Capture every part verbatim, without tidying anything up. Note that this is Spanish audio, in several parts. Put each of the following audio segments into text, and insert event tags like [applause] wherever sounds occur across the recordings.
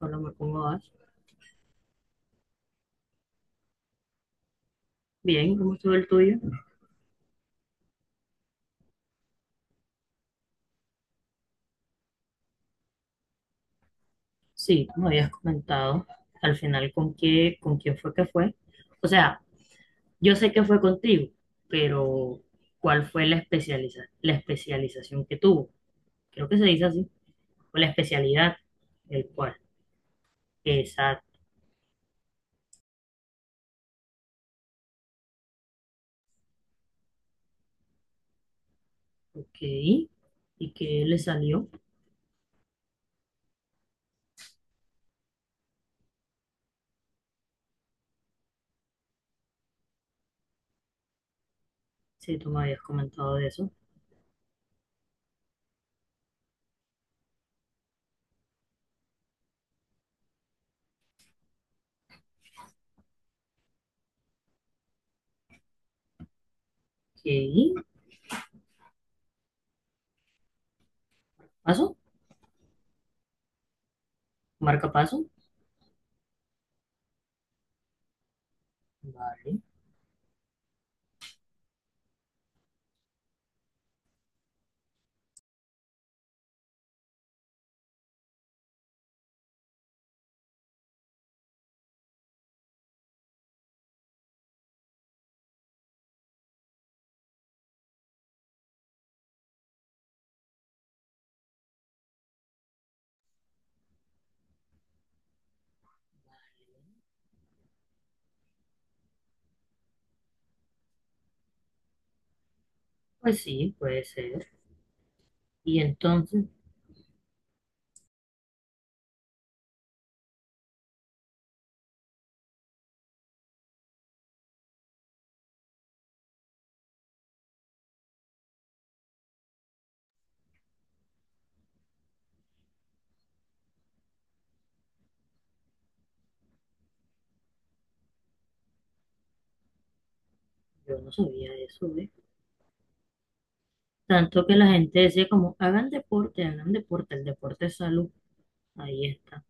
Problema con Oash. Bien, ¿cómo estuvo el tuyo? Sí, como habías comentado, al final con qué, con quién fue que fue. O sea, yo sé que fue contigo, pero ¿cuál fue la especializa la especialización que tuvo? Creo que se dice así, o la especialidad, el cual. Exacto, ok. ¿Y qué le salió? Sí, tú me habías comentado de eso. ¿Qué? ¿Paso? ¿Marca paso? Vale, pues sí, puede ser. Y entonces, yo no sabía eso, ¿eh? Tanto que la gente decía como, hagan deporte, hagan deporte, el deporte es salud. Ahí está.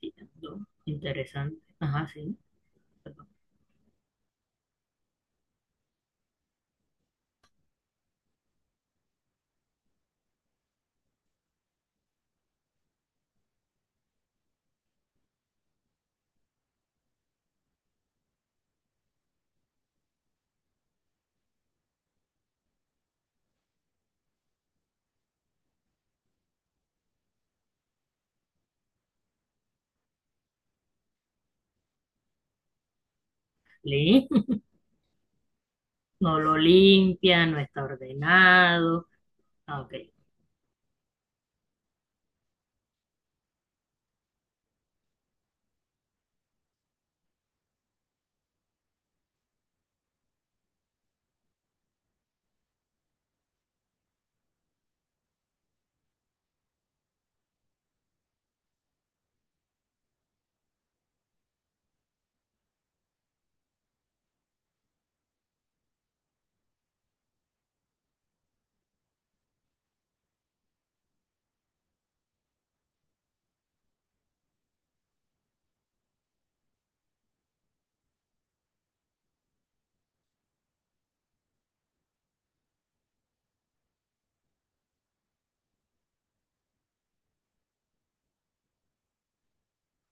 Quitando. Interesante. Ajá, sí. Perdón. Leí. [laughs] No lo limpia, no está ordenado. Ah, ok.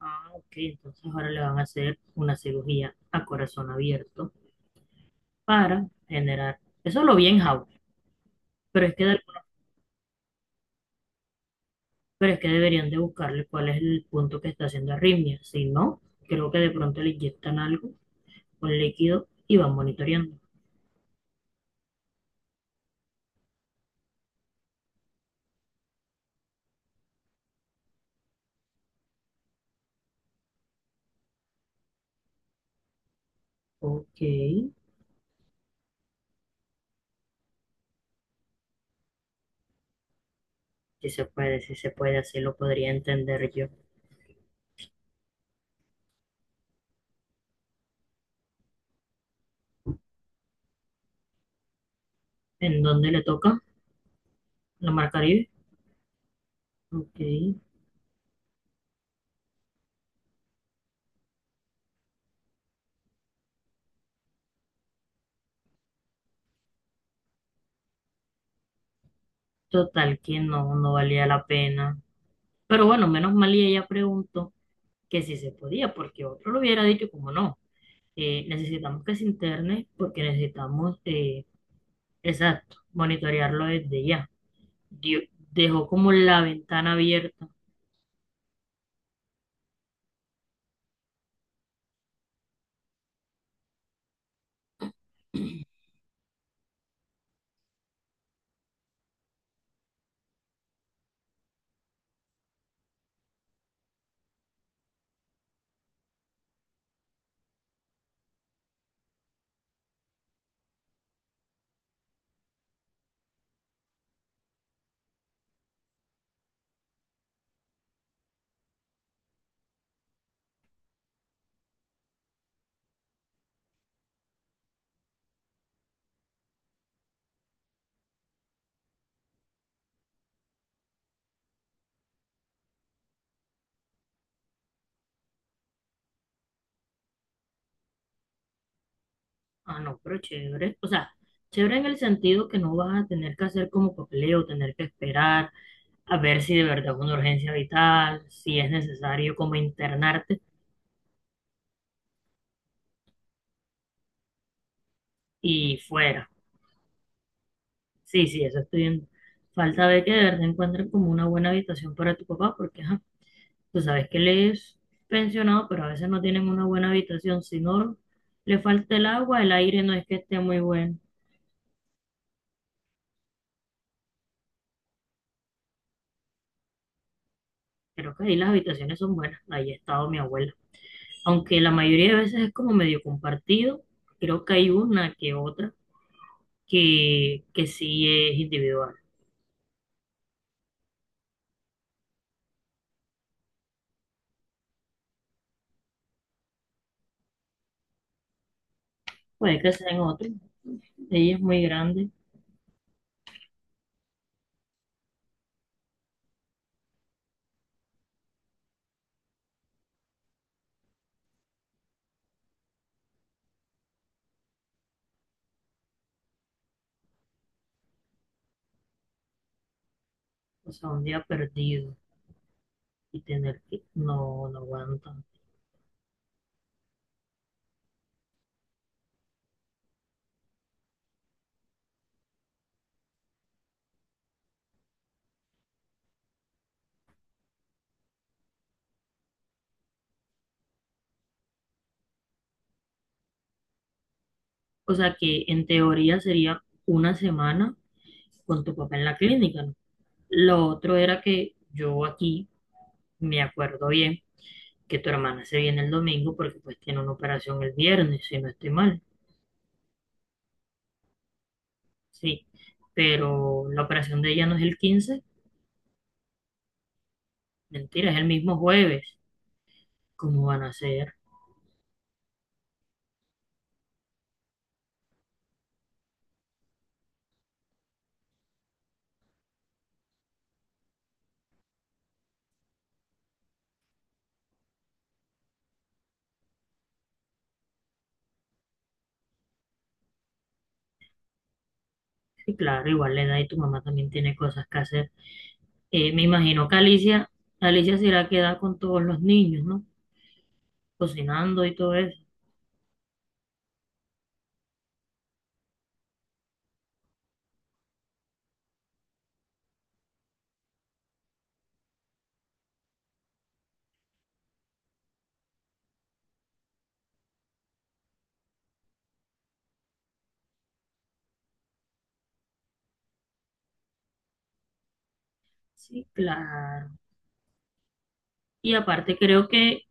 Ah, ok. Entonces ahora le van a hacer una cirugía a corazón abierto para generar. Eso lo vi en How. Pero es que, de- pero es que deberían de buscarle cuál es el punto que está haciendo arritmia. Si no, creo que de pronto le inyectan algo, un líquido, y van monitoreando. Ok. Si se puede, si se puede, así lo podría entender yo. ¿En dónde le toca? ¿La Mar Caribe? Ok. Total, que no, no valía la pena. Pero bueno, menos mal y ella preguntó que si se podía, porque otro lo hubiera dicho como no. Eh, necesitamos que se interne porque necesitamos, eh, exacto, monitorearlo desde ya. Dio- Dejó como la ventana abierta. Ah, no, pero chévere. O sea, chévere en el sentido que no vas a tener que hacer como papeleo, tener que esperar a ver si de verdad es una urgencia vital, si es necesario como internarte y fuera. Sí, sí, eso estoy viendo. Falta ver que de verdad encuentren como una buena habitación para tu papá, porque ajá, tú sabes que él es pensionado, pero a veces no tienen una buena habitación, sino le falta el agua, el aire no es que esté muy bueno. Creo que ahí las habitaciones son buenas, ahí ha estado mi abuela. Aunque la mayoría de veces es como medio compartido, creo que hay una que otra que, que sí es individual. Puede que sea en otro, ella es muy grande. O sea, un día perdido y tener que, no, no aguanta. O sea, que en teoría sería una semana con tu papá en la clínica, ¿no? Lo otro era que yo aquí me acuerdo bien que tu hermana se viene el domingo porque pues tiene una operación el viernes, si no estoy mal, sí. Pero la operación de ella no es el quince, mentira, es el mismo jueves. ¿Cómo van a hacer? Sí, claro, igual la edad y tu mamá también tiene cosas que hacer. Eh, me imagino que Alicia, Alicia será queda con todos los niños, ¿no? Cocinando y todo eso. Sí, claro. Y aparte creo que,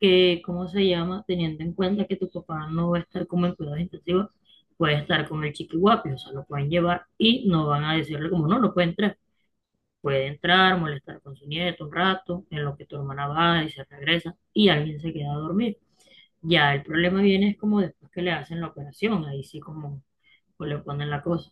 que, ¿cómo se llama? Teniendo en cuenta que tu papá no va a estar como en cuidados intensivos, puede estar con el chiquihuapi, o sea, lo pueden llevar y no van a decirle como no, no puede entrar. Puede entrar, molestar con su nieto un rato, en lo que tu hermana va y se regresa y alguien se queda a dormir. Ya el problema viene es como después que le hacen la operación, ahí sí como pues, le ponen la cosa.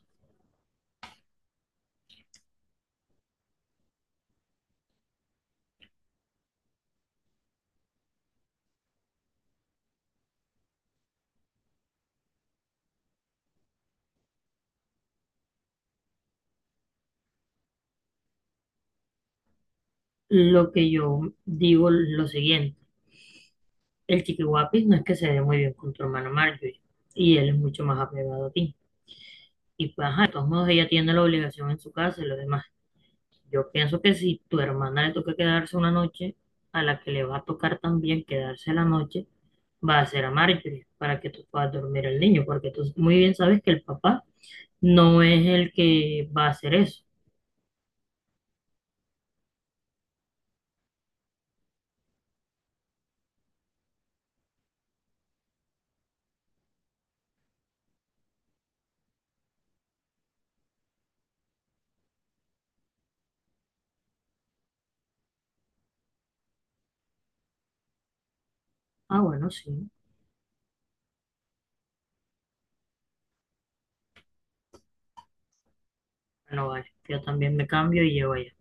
Lo que yo digo es lo siguiente, el Chiqui guapis no es que se dé muy bien con tu hermana Marjorie y él es mucho más apegado a ti. Y pues, ajá, de todos modos ella tiene la obligación en su casa y lo demás. Yo pienso que si tu hermana le toca quedarse una noche, a la que le va a tocar también quedarse la noche, va a ser a Marjorie para que tú puedas dormir al niño, porque tú muy bien sabes que el papá no es el que va a hacer eso. Ah, bueno, sí, bueno, vale, yo también me cambio y llevo allá.